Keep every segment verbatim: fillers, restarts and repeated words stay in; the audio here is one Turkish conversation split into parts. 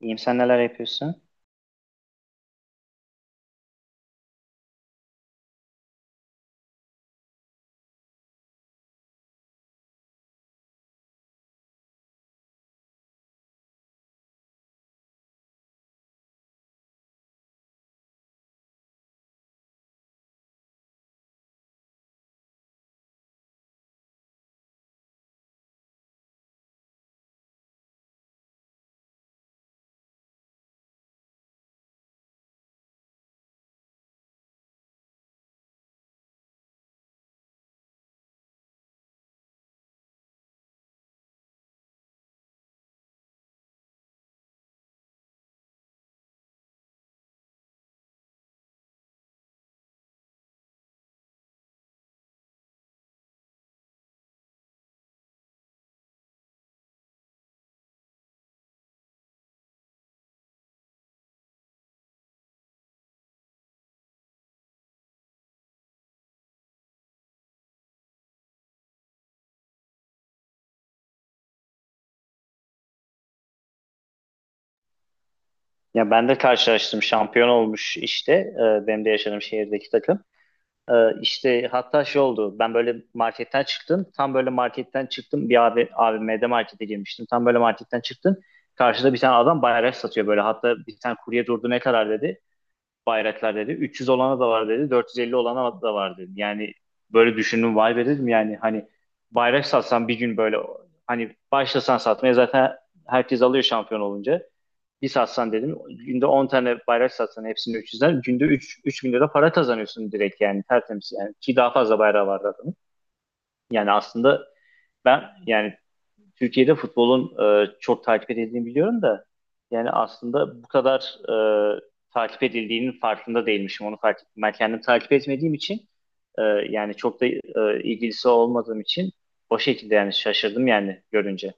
İyiyim, sen neler yapıyorsun? Ya ben de karşılaştım, şampiyon olmuş işte, e, benim de yaşadığım şehirdeki takım. E, işte hatta şey oldu, ben böyle marketten çıktım tam böyle marketten çıktım, bir abi, A V M'de markete girmiştim, tam böyle marketten çıktım. Karşıda bir tane adam bayrak satıyor böyle, hatta bir tane kurye durdu, ne kadar dedi bayraklar, dedi üç yüz olana da var, dedi dört yüz elli olana da var dedi. Yani böyle düşündüm, vay be dedim, yani hani bayrak satsan bir gün, böyle hani başlasan satmaya, zaten herkes alıyor şampiyon olunca. Bir satsan dedim, günde on tane bayrak satsan, hepsini üç yüzden günde üç 3 bin lira para kazanıyorsun direkt, yani tertemiz, yani ki daha fazla bayrağı var adamın. Yani aslında ben, yani Türkiye'de futbolun e, çok takip edildiğini biliyorum da, yani aslında bu kadar e, takip edildiğinin farkında değilmişim, onu fark ettim. Ben kendim takip etmediğim için, e, yani çok da e, ilgilisi olmadığım için, o şekilde yani şaşırdım yani görünce.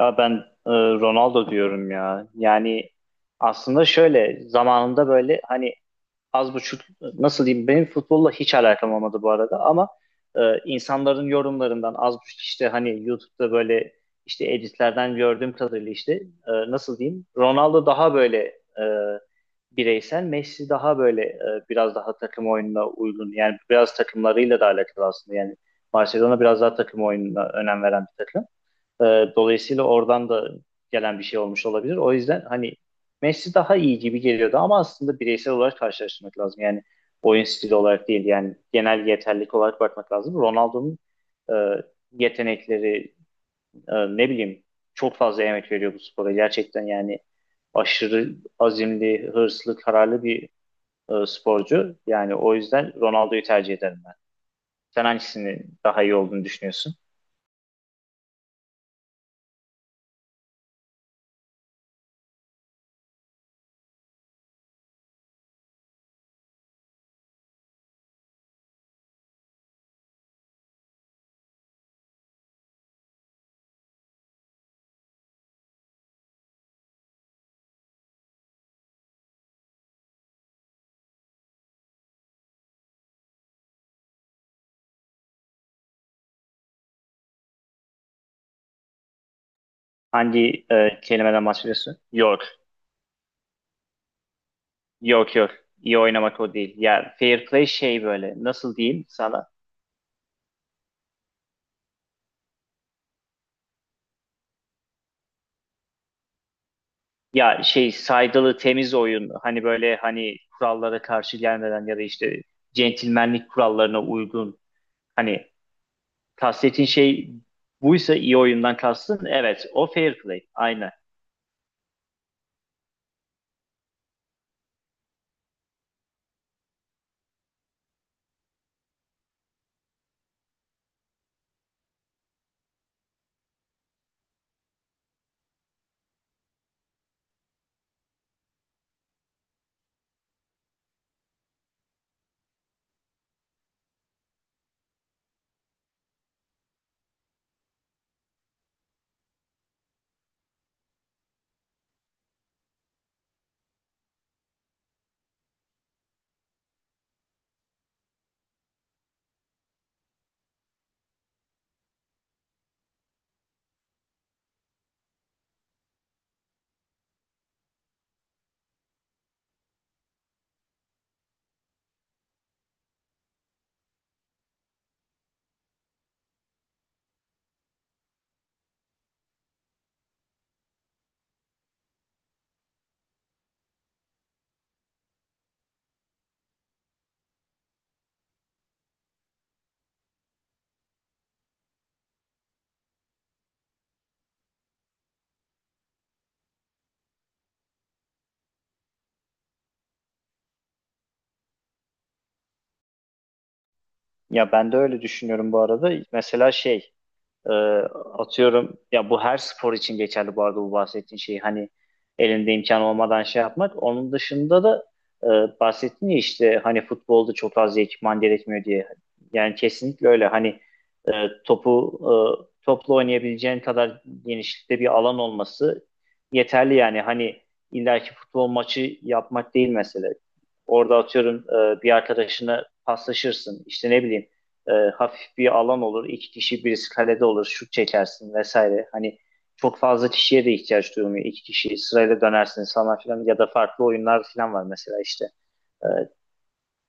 Ya ben, e, Ronaldo diyorum ya. Yani aslında şöyle zamanında böyle hani az buçuk, nasıl diyeyim, benim futbolla hiç alakam olmadı bu arada, ama e, insanların yorumlarından az buçuk işte, hani YouTube'da böyle işte editlerden gördüğüm kadarıyla işte, e, nasıl diyeyim, Ronaldo daha böyle e, bireysel, Messi daha böyle e, biraz daha takım oyununa uygun, yani biraz takımlarıyla da alakalı aslında, yani Barcelona biraz daha takım oyununa önem veren bir takım. E, Dolayısıyla oradan da gelen bir şey olmuş olabilir. O yüzden hani Messi daha iyi gibi geliyordu, ama aslında bireysel olarak karşılaştırmak lazım. Yani oyun stili olarak değil, yani genel yeterlilik olarak bakmak lazım. Ronaldo'nun e, yetenekleri, e, ne bileyim, çok fazla emek veriyor bu spora. Gerçekten yani aşırı azimli, hırslı, kararlı bir e, sporcu. Yani o yüzden Ronaldo'yu tercih ederim ben. Sen hangisini daha iyi olduğunu düşünüyorsun? Hangi e, kelimeden bahsediyorsun? York. Yok, yok. İyi oynamak o değil. Ya, fair play şey, böyle nasıl diyeyim sana? Ya şey, saygılı temiz oyun. Hani böyle hani kurallara karşı gelmeden, ya da işte centilmenlik kurallarına uygun. Hani kastettiğin şey buysa, iyi oyundan kastın. Evet, o fair play. Aynen. Ya ben de öyle düşünüyorum bu arada. Mesela şey, Ee, atıyorum ya, bu her spor için geçerli bu arada, bu bahsettiğin şey hani elinde imkan olmadan şey yapmak. Onun dışında da, e, bahsettin ya işte hani futbolda çok fazla ekipman gerekmiyor diye. Yani kesinlikle öyle, hani e, topu e, topla oynayabileceğin kadar genişlikte bir alan olması yeterli, yani hani illaki futbol maçı yapmak değil mesele. Orada atıyorum e, bir arkadaşına paslaşırsın işte, ne bileyim, e, hafif bir alan olur. iki kişi, birisi kalede olur. Şut çekersin vesaire. Hani çok fazla kişiye de ihtiyaç duyulmuyor. İki kişi sırayla dönersiniz falan filan, ya da farklı oyunlar filan var mesela işte. E,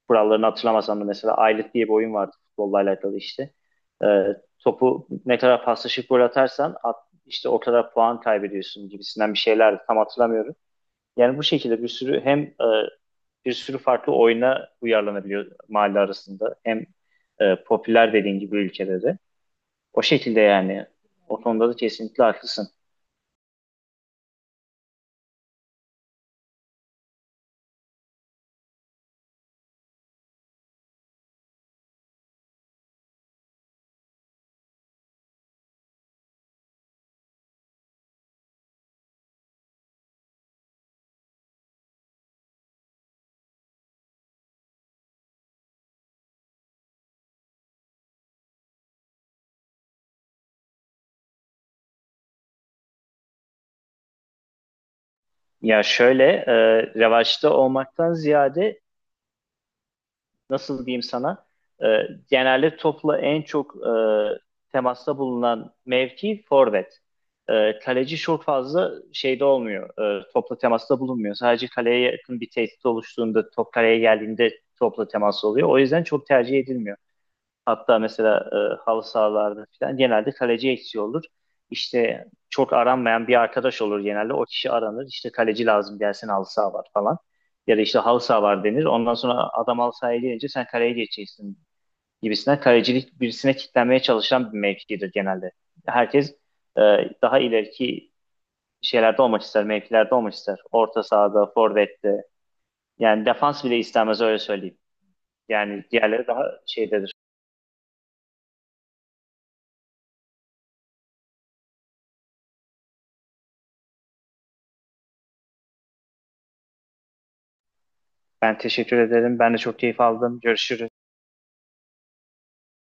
Kurallarını hatırlamasam da, mesela Aylık diye bir oyun vardı futbolla alakalı işte. E, Topu ne kadar paslaşıp gol atarsan at, işte o kadar puan kaybediyorsun gibisinden bir şeyler, tam hatırlamıyorum. Yani bu şekilde bir sürü hem e, bir sürü farklı oyuna uyarlanabiliyor mahalle arasında. Hem e, popüler, dediğin gibi ülkede de. O şekilde yani. O konuda da kesinlikle haklısın. Ya şöyle, e, revaçta olmaktan ziyade, nasıl diyeyim sana, e, genelde topla en çok e, temasta bulunan mevki forvet. E, kaleci çok fazla şeyde olmuyor. E, topla temasta bulunmuyor. Sadece kaleye yakın bir tehdit oluştuğunda, top kaleye geldiğinde topla temas oluyor. O yüzden çok tercih edilmiyor. Hatta mesela e, halı sahalarda falan genelde kaleci eksiği olur. İşte çok aranmayan bir arkadaş olur genelde. O kişi aranır. İşte kaleci lazım, gelsin halı saha var falan. Ya da işte halı saha var denir. Ondan sonra adam halı sahaya gelince, sen kaleye geçeceksin gibisinden. Kalecilik, birisine kitlenmeye çalışan bir mevkidir genelde. Herkes e, daha ileriki şeylerde olmak ister, mevkilerde olmak ister. Orta sahada, forvette. Yani defans bile istemez, öyle söyleyeyim. Yani diğerleri daha şeydedir. Ben teşekkür ederim. Ben de çok keyif aldım. Görüşürüz.